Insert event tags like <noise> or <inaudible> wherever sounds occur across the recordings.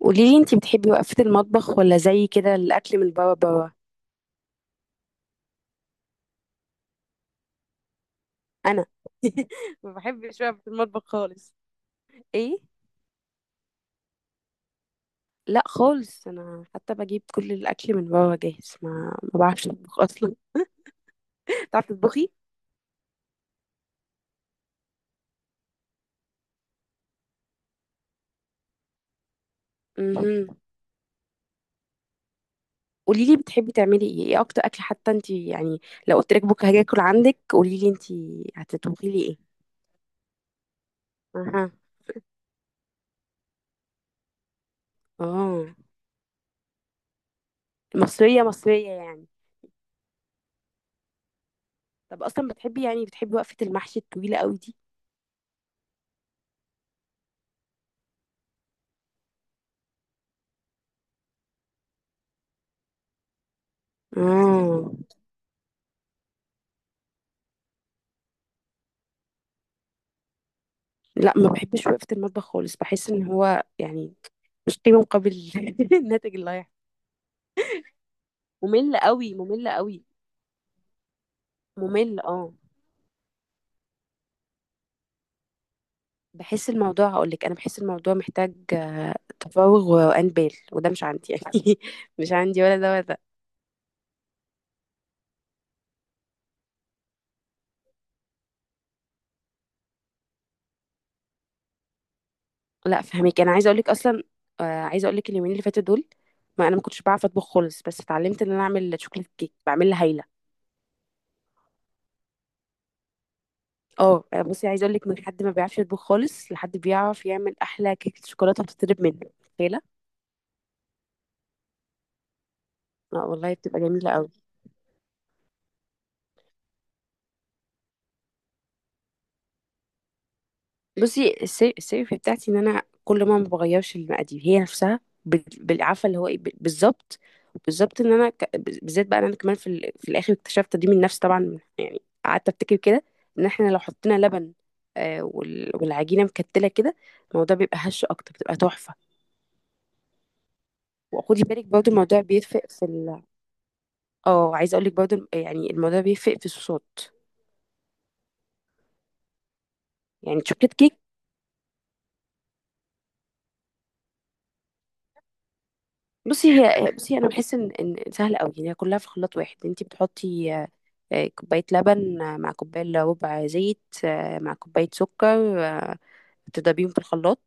قوليلي، انتي بتحبي وقفة المطبخ ولا زي كده الأكل من بابا. أنا ما بحبش بقى في المطبخ خالص. ايه؟ لا خالص، أنا حتى بجيب كل الأكل من بابا جاهز، ما بعرفش أطبخ أصلا. <laughs> تعرفي تطبخي؟ مهم. قوليلي، بتحبي تعملي ايه أكتر أكل حتى انتي يعني؟ لو قلت لك بكرة هاجي أكل عندك، قوليلي انتي هتطبخي لي ايه؟ أها. اه. مصرية مصرية يعني؟ طب أصلا بتحبي، يعني بتحبي وقفة المحشي الطويلة قوي دي؟ اه. لا، ما بحبش وقفة المطبخ خالص. بحس ان هو يعني مش قيمة مقابل <laughs> الناتج اللي هيحصل. ممل قوي ممل قوي. ممل اه. بحس الموضوع، هقول لك انا بحس الموضوع محتاج تفاوغ وانبال، وده مش عندي يعني <laughs> مش عندي ولا ده ولا ده. لا، فهمك. انا عايزه اقول لك اصلا، عايزه اقول لك اليومين اللي فاتوا دول. ما انا ما كنتش بعرف اطبخ خالص، بس اتعلمت ان انا اعمل شوكليت كيك بعملها هايله. اه، بصي عايزه اقول لك، من حد ما بيعرفش يطبخ خالص لحد بيعرف يعمل احلى كيكه شوكولاته، بتطلب منه، متخيلة؟ لا والله، بتبقى جميلة قوي. بصي، السيف بتاعتي ان انا كل ما بغيرش المقادير، هي نفسها بالعافية، اللي هو ايه، بالظبط ان انا بالذات بقى، إن انا كمان في، في الاخر اكتشفت دي من نفسي طبعا يعني، قعدت افتكر كده ان احنا لو حطينا لبن والعجينة مكتلة كده، الموضوع بيبقى هش اكتر، بتبقى تحفة. وخدي بالك برضو الموضوع بيفرق في ال... اه، عايزة اقول لك برضو، يعني الموضوع بيفرق في الصوصات. يعني شوكليت كيك. بصي هي، بصي انا بحس ان سهله قوي يعني، هي كلها في خلاط واحد. انت بتحطي كوبايه لبن، مع كوبايه إلا ربع زيت، مع كوبايه سكر، تضربيهم في الخلاط.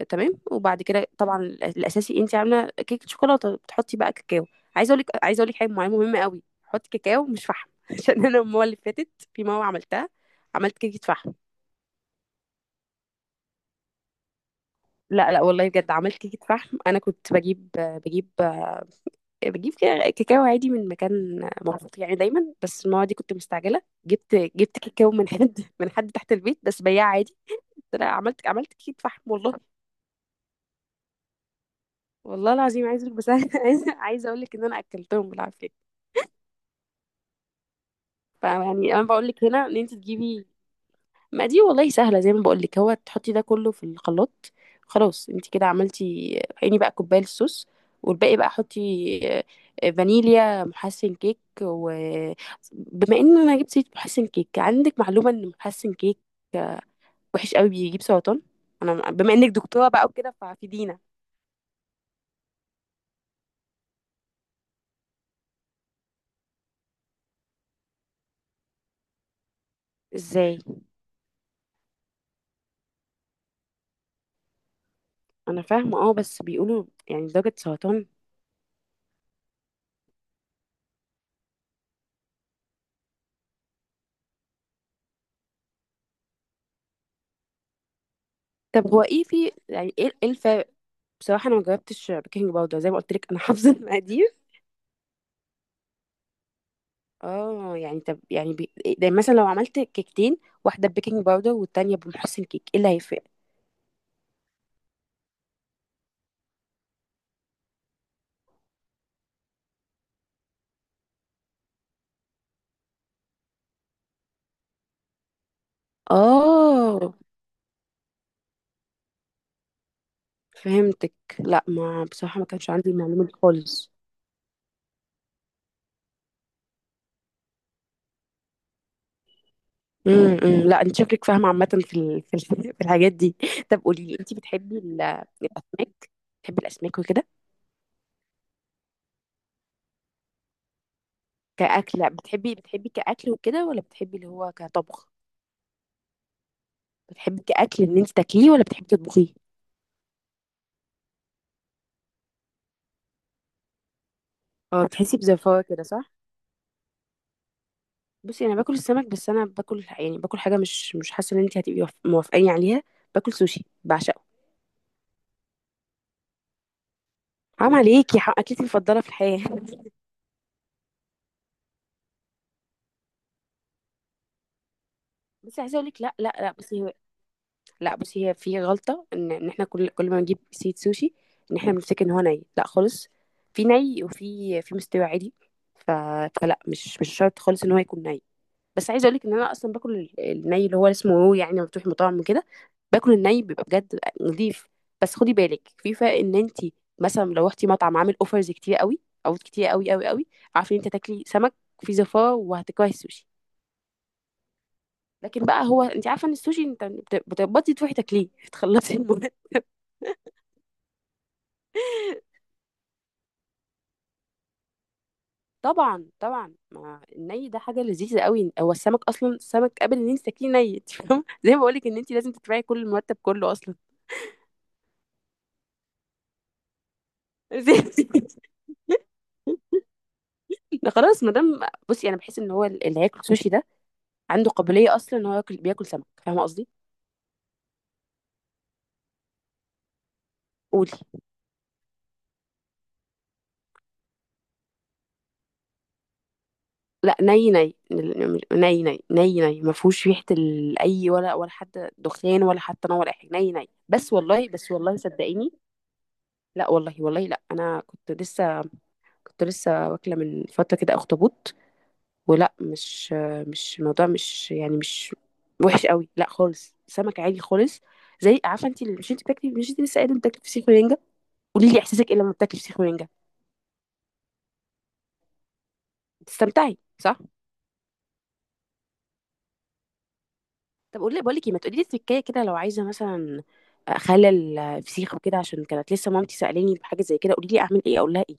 تمام، وبعد كده طبعا الاساسي انت عامله كيكه شوكولاته، بتحطي بقى كاكاو. عايزه اقول لك حاجه معينه مهمه قوي، حطي كاكاو مش فحم <laughs> عشان انا المره اللي فاتت في مره عملتها، عملت كيكه فحم. لا لا، والله بجد عملت كيكه فحم. انا كنت بجيب كاكاو عادي من مكان موثوق يعني دايما، بس المره دي كنت مستعجله، جبت كاكاو من حد تحت البيت، بس بياع عادي. قلت لها، عملت كيك فحم والله. والله العظيم، عايز بس <laughs> عايزه اقول لك ان انا اكلتهم بالعافيه. فيعني انا بقول لك هنا ان انت تجيبي. ما دي والله سهله، زي ما بقول لك، هو تحطي ده كله في الخلاط، خلاص انت كده عملتي. عيني بقى كوبايه الصوص، والباقي بقى حطي آه، فانيليا، محسن كيك. وبما ان انا جبت سيره محسن كيك، عندك معلومه ان محسن كيك وحش قوي، بيجيب سرطان؟ انا بما انك دكتوره بقى وكده، ففيدينا. ازاي؟ انا فاهمه اه، بس بيقولوا يعني درجه سرطان. طب هو ايه في، يعني ايه الفرق؟ بصراحه انا ما جربتش بيكنج باودر، زي ما قلت لك انا حافظه المقادير. اه يعني، طب يعني بي... ده مثلا لو عملت كيكتين، واحده بيكنج باودر والتانيه بمحسن كيك، ايه اللي هيفرق؟ اه، فهمتك. لا ما، بصراحه ما كانش عندي المعلومه دي خالص. لا انت شكلك فاهمه عامه في ال... في، ال... <laughs> في الحاجات دي. طب قولي لي، انت بتحبي ال... الاسماك؟ بتحبي الاسماك وكده؟ كاكله؟ بتحبي كاكل وكده ولا بتحبي اللي هو كطبخ؟ بتحبي كاكل ان انت تاكليه ولا بتحبي تطبخيه؟ اه، بتحسي بزفاره كده صح. بصي انا باكل السمك، بس انا باكل يعني، باكل حاجه مش حاسه ان انت هتبقي موافقاني عليها. باكل سوشي بعشقه. حرام عليكي، اكلتي المفضله في الحياه <laughs> بس عايزه اقول لك، لا لا لا، بصي هو، لا بصي، هي في غلطه ان احنا كل ما نجيب سيت سوشي، ان احنا بنفتكر ان هو ني. لا خالص، في ني وفي مستوى عادي. ف... فلا، مش شرط خالص ان هو يكون ني. بس عايزه اقول لك ان انا اصلا باكل الني اللي هو اسمه رو، يعني لما بتروحي مطاعم وكده باكل الني، بيبقى بجد نضيف. بس خدي بالك، في فرق ان انت مثلا لو رحتي مطعم عامل اوفرز كتير قوي او كتير قوي قوي قوي، عارفه ان انت تاكلي سمك في زفاره وهتكرهي السوشي. لكن بقى هو، انت عارفه ان السوشي انت بتقبضي تروحي تاكليه <laughs> تخلصي المهم. طبعا طبعا، ما الني ده حاجه لذيذه قوي. هو السمك اصلا، السمك قبل ان انت تاكليه ني، انت فاهمه <laughs> زي ما بقول لك ان انت لازم تدفعي كل المرتب كله اصلا. <laughs> ده خلاص ما دام. بصي انا بحس ان هو اللي هياكل سوشي ده عنده قابليه اصلا ان هو ياكل، سمك، فاهمه قصدي؟ قولي. لا ني ني ني، ني ني ني، ما فيهوش ريحه اي ولا حتى دخان ولا حتى نوع ولا اي حاجه، ني ني، بس والله صدقيني. لا والله والله، لا انا كنت لسه، كنت لسه واكله من فتره كده اخطبوط، ولا مش، مش الموضوع مش يعني مش وحش قوي، لا خالص سمك عادي خالص. زي عارفه انت مش، انت بتاكلي مش، انت لسه قايله إنك بتاكلي فسيخ ورنجة. قولي لي احساسك ايه لما بتاكلي فسيخ ورنجة؟ بتستمتعي صح؟ طب قولي بقول لك ايه، ما تقولي لي التركية كده، لو عايزة مثلا اخلل الفسيخ وكده، عشان كانت لسه مامتي سألاني بحاجة زي كده، قولي لي اعمل ايه، اقول لها ايه؟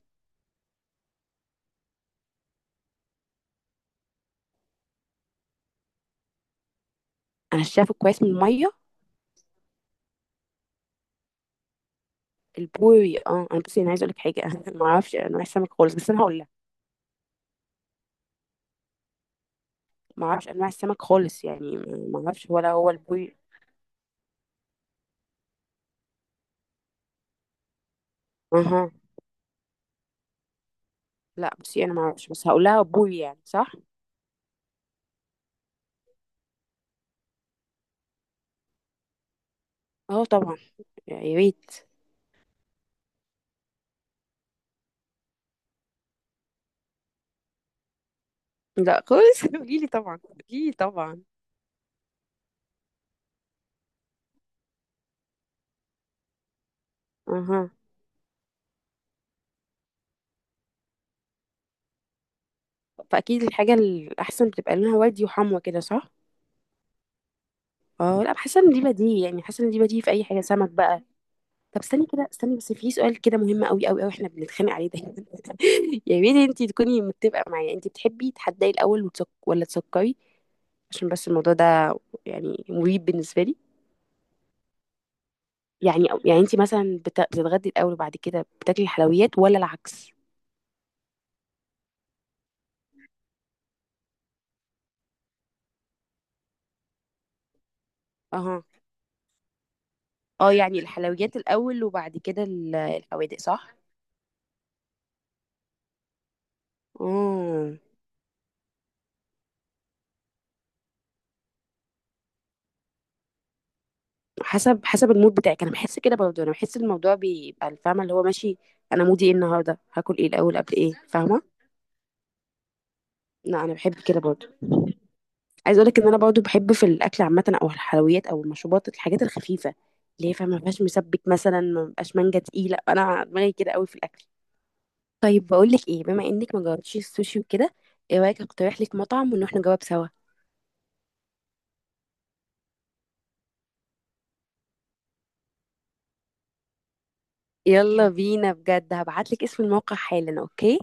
انا شايفه كويس من المية. البوري اه. انا بصي، انا عايزه اقول لك حاجه <laughs> انا ما اعرفش انواع السمك خالص، بس انا هقول لها، ما اعرفش انواع السمك خالص يعني. ما اعرفش ولا هو البوري. اها. لا بصي انا ما اعرفش، بس هقول لها بوري يعني صح؟ اه طبعا، يا ريت. لا خالص <laughs> قولي لي طبعا، قولي لي طبعا. اها. فاكيد الحاجه الاحسن بتبقى لونها وردي وحموة كده صح؟ اه، لا حاسه ان دي بديهي يعني، حاسه ان دي بديهي في اي حاجه سمك بقى. طب استني كده، استني بس في سؤال كده مهم قوي قوي قوي، احنا بنتخانق عليه دايما <laughs> يا ريت انت تكوني متفقه معايا، انت بتحبي تحدي الاول وتسك... ولا تسكري؟ عشان بس الموضوع ده يعني مريب بالنسبه لي. يعني انت مثلا بتتغدي الاول وبعد كده بتاكلي الحلويات ولا العكس؟ اها. اه يعني الحلويات الاول وبعد كده الحوادق صح؟ اه، حسب المود بتاعك. انا بحس كده برضه، انا بحس الموضوع بيبقى الفاهمه اللي هو ماشي، انا مودي ايه النهارده، هاكل ايه الاول قبل ايه، فاهمه؟ لا انا بحب كده برضه. عايز اقولك ان انا برضه بحب في الاكل عامه، او الحلويات او المشروبات، الحاجات الخفيفه اللي هي فاهمه ما فيهاش مسبك مثلا، ما بقاش مانجا تقيله. انا دماغي كده قوي في الاكل. طيب بقول لك ايه، بما انك ما جربتيش السوشي وكده، ايه رايك اقترح لك مطعم ونروح نجرب سوا؟ يلا بينا بجد، هبعت لك اسم الموقع حالا. اوكي.